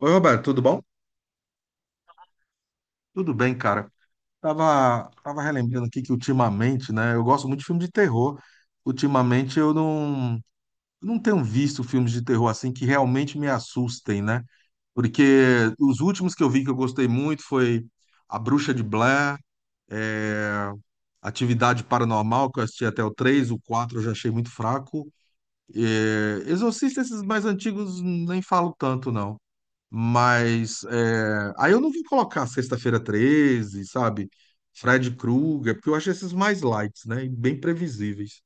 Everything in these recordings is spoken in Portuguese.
Oi, Roberto, tudo bom? Tudo bem, cara. Tava relembrando aqui que ultimamente, né? Eu gosto muito de filme de terror. Ultimamente eu não, não tenho visto filmes de terror assim que realmente me assustem, né? Porque os últimos que eu vi que eu gostei muito foi A Bruxa de Blair, é, Atividade Paranormal, que eu assisti até o 3, o 4 eu já achei muito fraco. É, Exorcista, esses mais antigos, nem falo tanto, não. Mas é, aí eu não vou colocar Sexta-feira treze, sabe? Fred Krueger, porque eu acho esses mais lights, né? E bem previsíveis.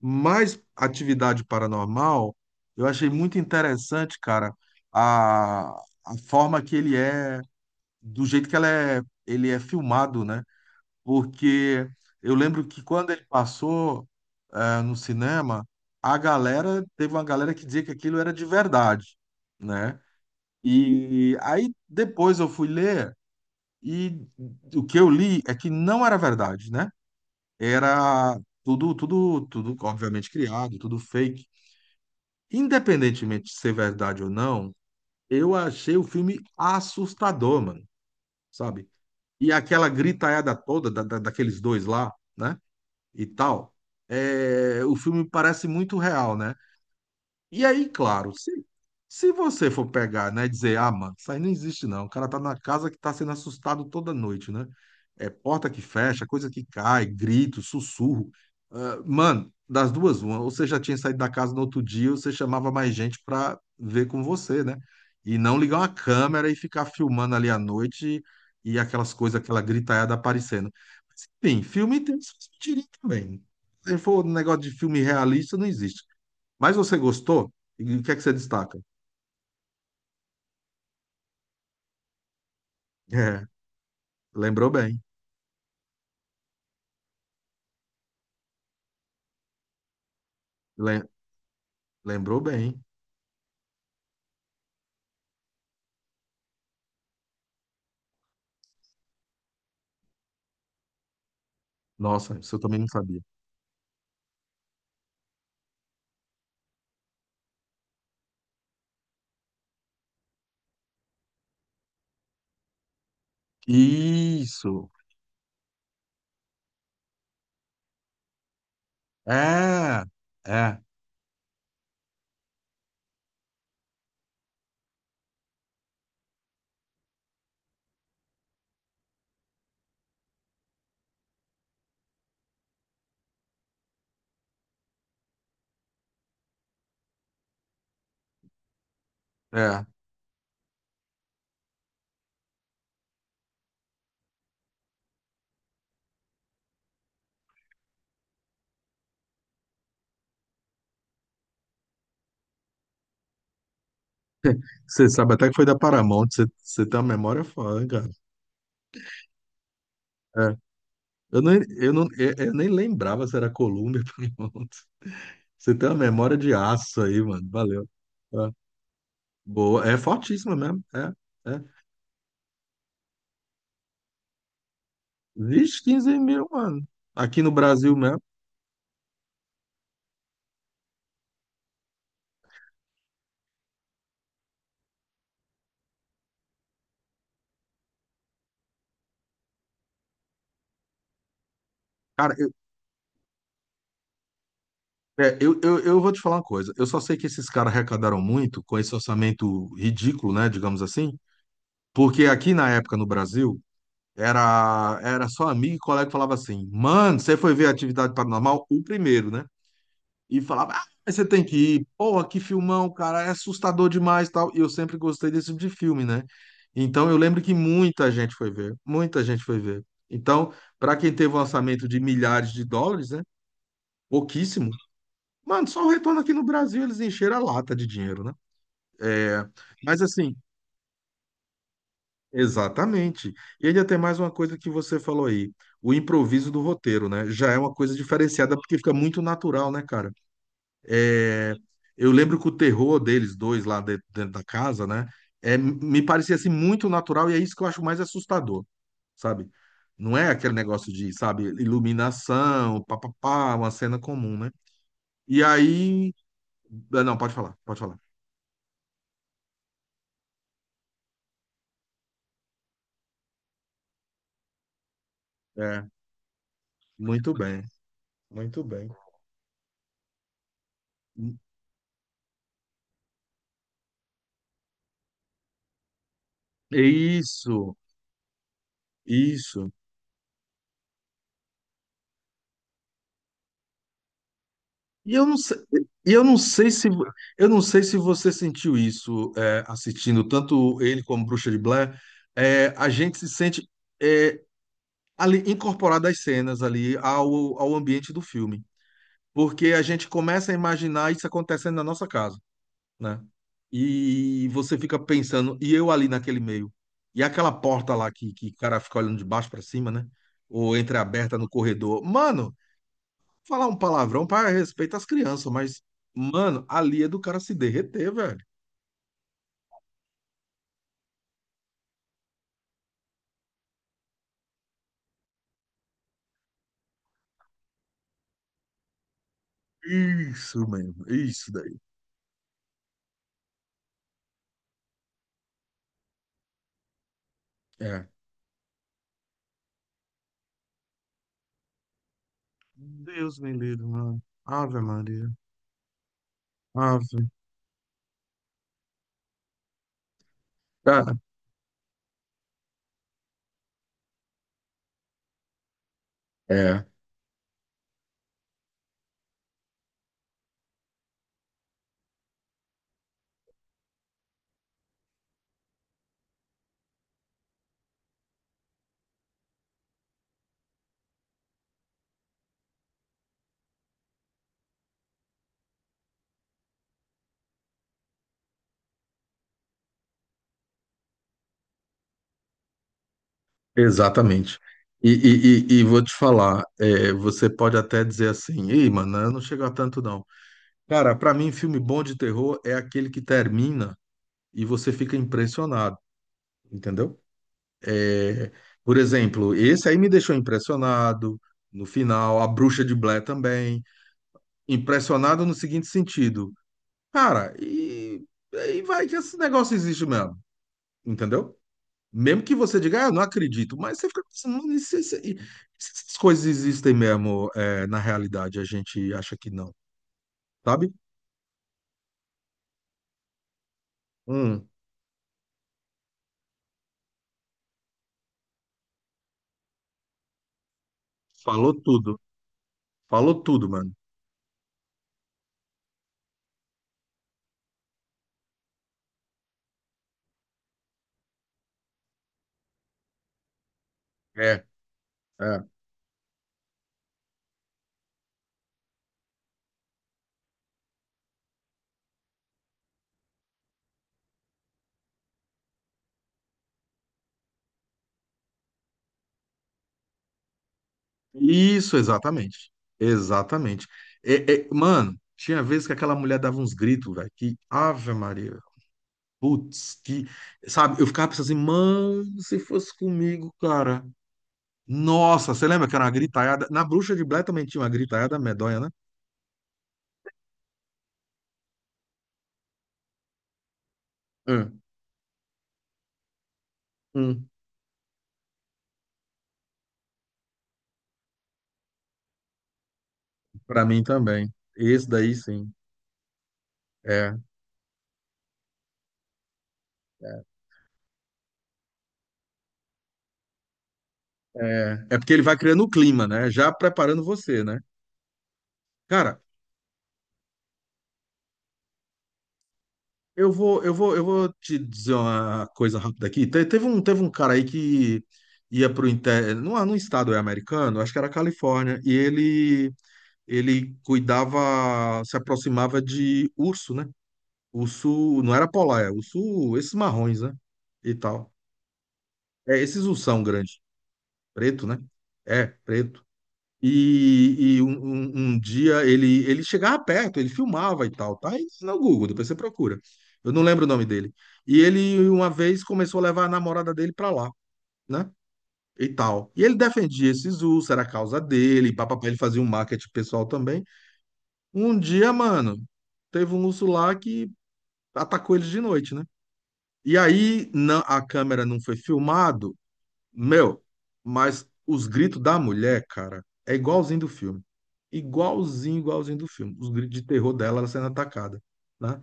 Mas Atividade Paranormal, eu achei muito interessante, cara, a, a forma que ele é, do jeito que ela é, ele é filmado, né? Porque eu lembro que quando ele passou, no cinema, a galera, teve uma galera que dizia que aquilo era de verdade, né? E aí depois eu fui ler e o que eu li é que não era verdade, né? Era tudo, obviamente criado, tudo fake. Independentemente de ser verdade ou não, eu achei o filme assustador, mano, sabe? E aquela gritaiada toda daqueles dois lá, né? E tal, o filme parece muito real, né? E aí, claro, se você for pegar, né, dizer, ah, mano, isso aí não existe não, o cara tá na casa que tá sendo assustado toda noite, né? É porta que fecha, coisa que cai, grito, sussurro. Ah, mano, das duas, uma, ou você já tinha saído da casa no outro dia, ou você chamava mais gente pra ver com você, né? E não ligar uma câmera e ficar filmando ali à noite e aquelas coisas, aquela gritaiada aparecendo. Mas, enfim, filme tem suas mentirinhas também. Se for um negócio de filme realista, não existe. Mas você gostou? E o que é que você destaca? É, lembrou bem. Lem- lembrou bem. Nossa, isso eu também não sabia. Isso! É, é, é. Você sabe até que foi da Paramount, você tem uma memória foda, cara. É. Eu, nem, eu, não, eu nem lembrava se era Columbia ou Paramount. Você tem uma memória de aço aí, mano. Valeu. É. Boa. É fortíssima mesmo. É, é. Vixe, 15 mil, mano. Aqui no Brasil mesmo. Cara, eu vou te falar uma coisa. Eu só sei que esses caras arrecadaram muito com esse orçamento ridículo, né? Digamos assim. Porque aqui na época no Brasil, era só amigo e colega que falava assim: Mano, você foi ver a Atividade Paranormal? O primeiro, né? E falava: Ah, mas você tem que ir. Porra, que filmão, cara. É assustador demais e tal. E eu sempre gostei desse tipo de filme, né? Então eu lembro que muita gente foi ver. Muita gente foi ver. Então, para quem teve um orçamento de milhares de dólares, né? Pouquíssimo. Mano, só o retorno aqui no Brasil eles encheram a lata de dinheiro, né? É, mas assim, exatamente. E ainda tem mais uma coisa que você falou aí, o improviso do roteiro, né? Já é uma coisa diferenciada porque fica muito natural, né, cara? É, eu lembro que o terror deles dois lá dentro da casa, né? É, me parecia assim muito natural e é isso que eu acho mais assustador, sabe? Não é aquele negócio de, sabe, iluminação, papapá, uma cena comum, né? E aí, não, pode falar, pode falar. É, muito bem, muito bem. Isso, isso. E eu não sei, e eu não sei se eu não sei se você sentiu isso assistindo tanto ele como Bruxa de Blair. É, a gente se sente é, ali incorporado às cenas ali ao ambiente do filme, porque a gente começa a imaginar isso acontecendo na nossa casa, né? E você fica pensando, e eu ali naquele meio? E aquela porta lá que o cara fica olhando de baixo para cima, né? Ou entreaberta no corredor. Mano, falar um palavrão para respeito às crianças, mas, mano, ali é do cara se derreter, velho. Isso mesmo, isso daí. É. Deus me livre, mano. Ave Maria. Ave. Cara, é, exatamente. E vou te falar, você pode até dizer assim, ei, mano, eu não chego a tanto não. Cara, pra mim, filme bom de terror é aquele que termina e você fica impressionado, entendeu? É, por exemplo, esse aí me deixou impressionado no final, A Bruxa de Blair também. Impressionado no seguinte sentido, cara, e vai que esse negócio existe mesmo, entendeu? Mesmo que você diga, ah, eu não acredito, mas você fica pensando, "Mano, e se essas coisas existem mesmo, é, na realidade, a gente acha que não, sabe? Hum, falou tudo, falou tudo, mano. É. É. Isso, exatamente. Exatamente. É, mano, tinha vezes que aquela mulher dava uns gritos, velho, que Ave Maria, putz, que, sabe, eu ficava pensando assim, mano, se fosse comigo, cara. Nossa, você lembra que era uma gritaiada? Na Bruxa de Blair também tinha uma gritaiada medonha, né? Hum, hum. Pra mim também. Esse daí, sim. É, é. É porque ele vai criando o clima, né? Já preparando você, né? Cara, eu vou te dizer uma coisa rápida aqui. Teve um cara aí que ia pro inter, num estado americano, acho que era Califórnia, e ele cuidava, se aproximava de urso, né? Urso, não era polar, é urso, esses marrons, né? E tal. É, esses ursão grande, preto, né? É, preto. Um dia ele, ele chegava perto, ele filmava e tal, tá? Isso no Google, depois você procura. Eu não lembro o nome dele. E ele uma vez começou a levar a namorada dele pra lá, né? E tal. E ele defendia esse Zul, era a causa dele, papapá, ele fazia um marketing pessoal também. Um dia, mano, teve um urso lá que atacou eles de noite, né? E aí não, a câmera não foi filmada meu, mas os gritos da mulher, cara, é igualzinho do filme. Igualzinho, igualzinho do filme. Os gritos de terror dela, ela sendo atacada, né?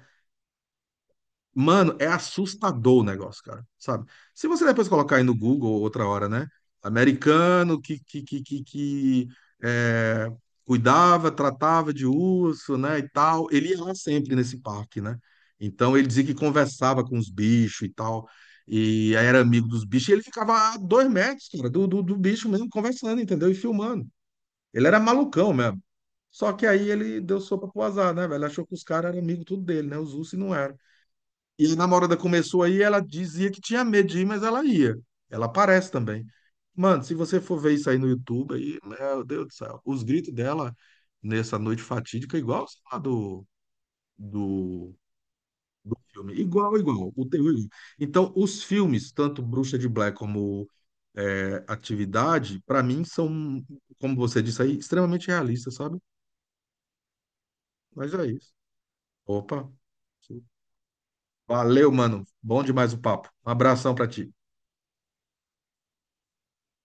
Mano, é assustador o negócio, cara, sabe? Se você depois colocar aí no Google outra hora, né? Americano que, é, cuidava, tratava de urso, né, e tal. Ele ia lá sempre nesse parque, né? Então ele dizia que conversava com os bichos e tal, e aí era amigo dos bichos, e ele ficava a 2 metros, cara, do bicho mesmo, conversando, entendeu? E filmando. Ele era malucão mesmo. Só que aí ele deu sopa pro azar, né, velho? Achou que os caras eram amigos tudo dele, né? Os ursos e não eram. E a namorada começou aí, ela dizia que tinha medo de ir, mas ela ia. Ela aparece também. Mano, se você for ver isso aí no YouTube, aí, meu Deus do céu, os gritos dela nessa noite fatídica, igual sei lá, do, do filme. Igual, igual. O terror. Então, os filmes, tanto Bruxa de Blair como Atividade, pra mim são, como você disse aí, extremamente realistas, sabe? Mas é isso. Opa. Valeu, mano. Bom demais o papo. Um abração pra ti.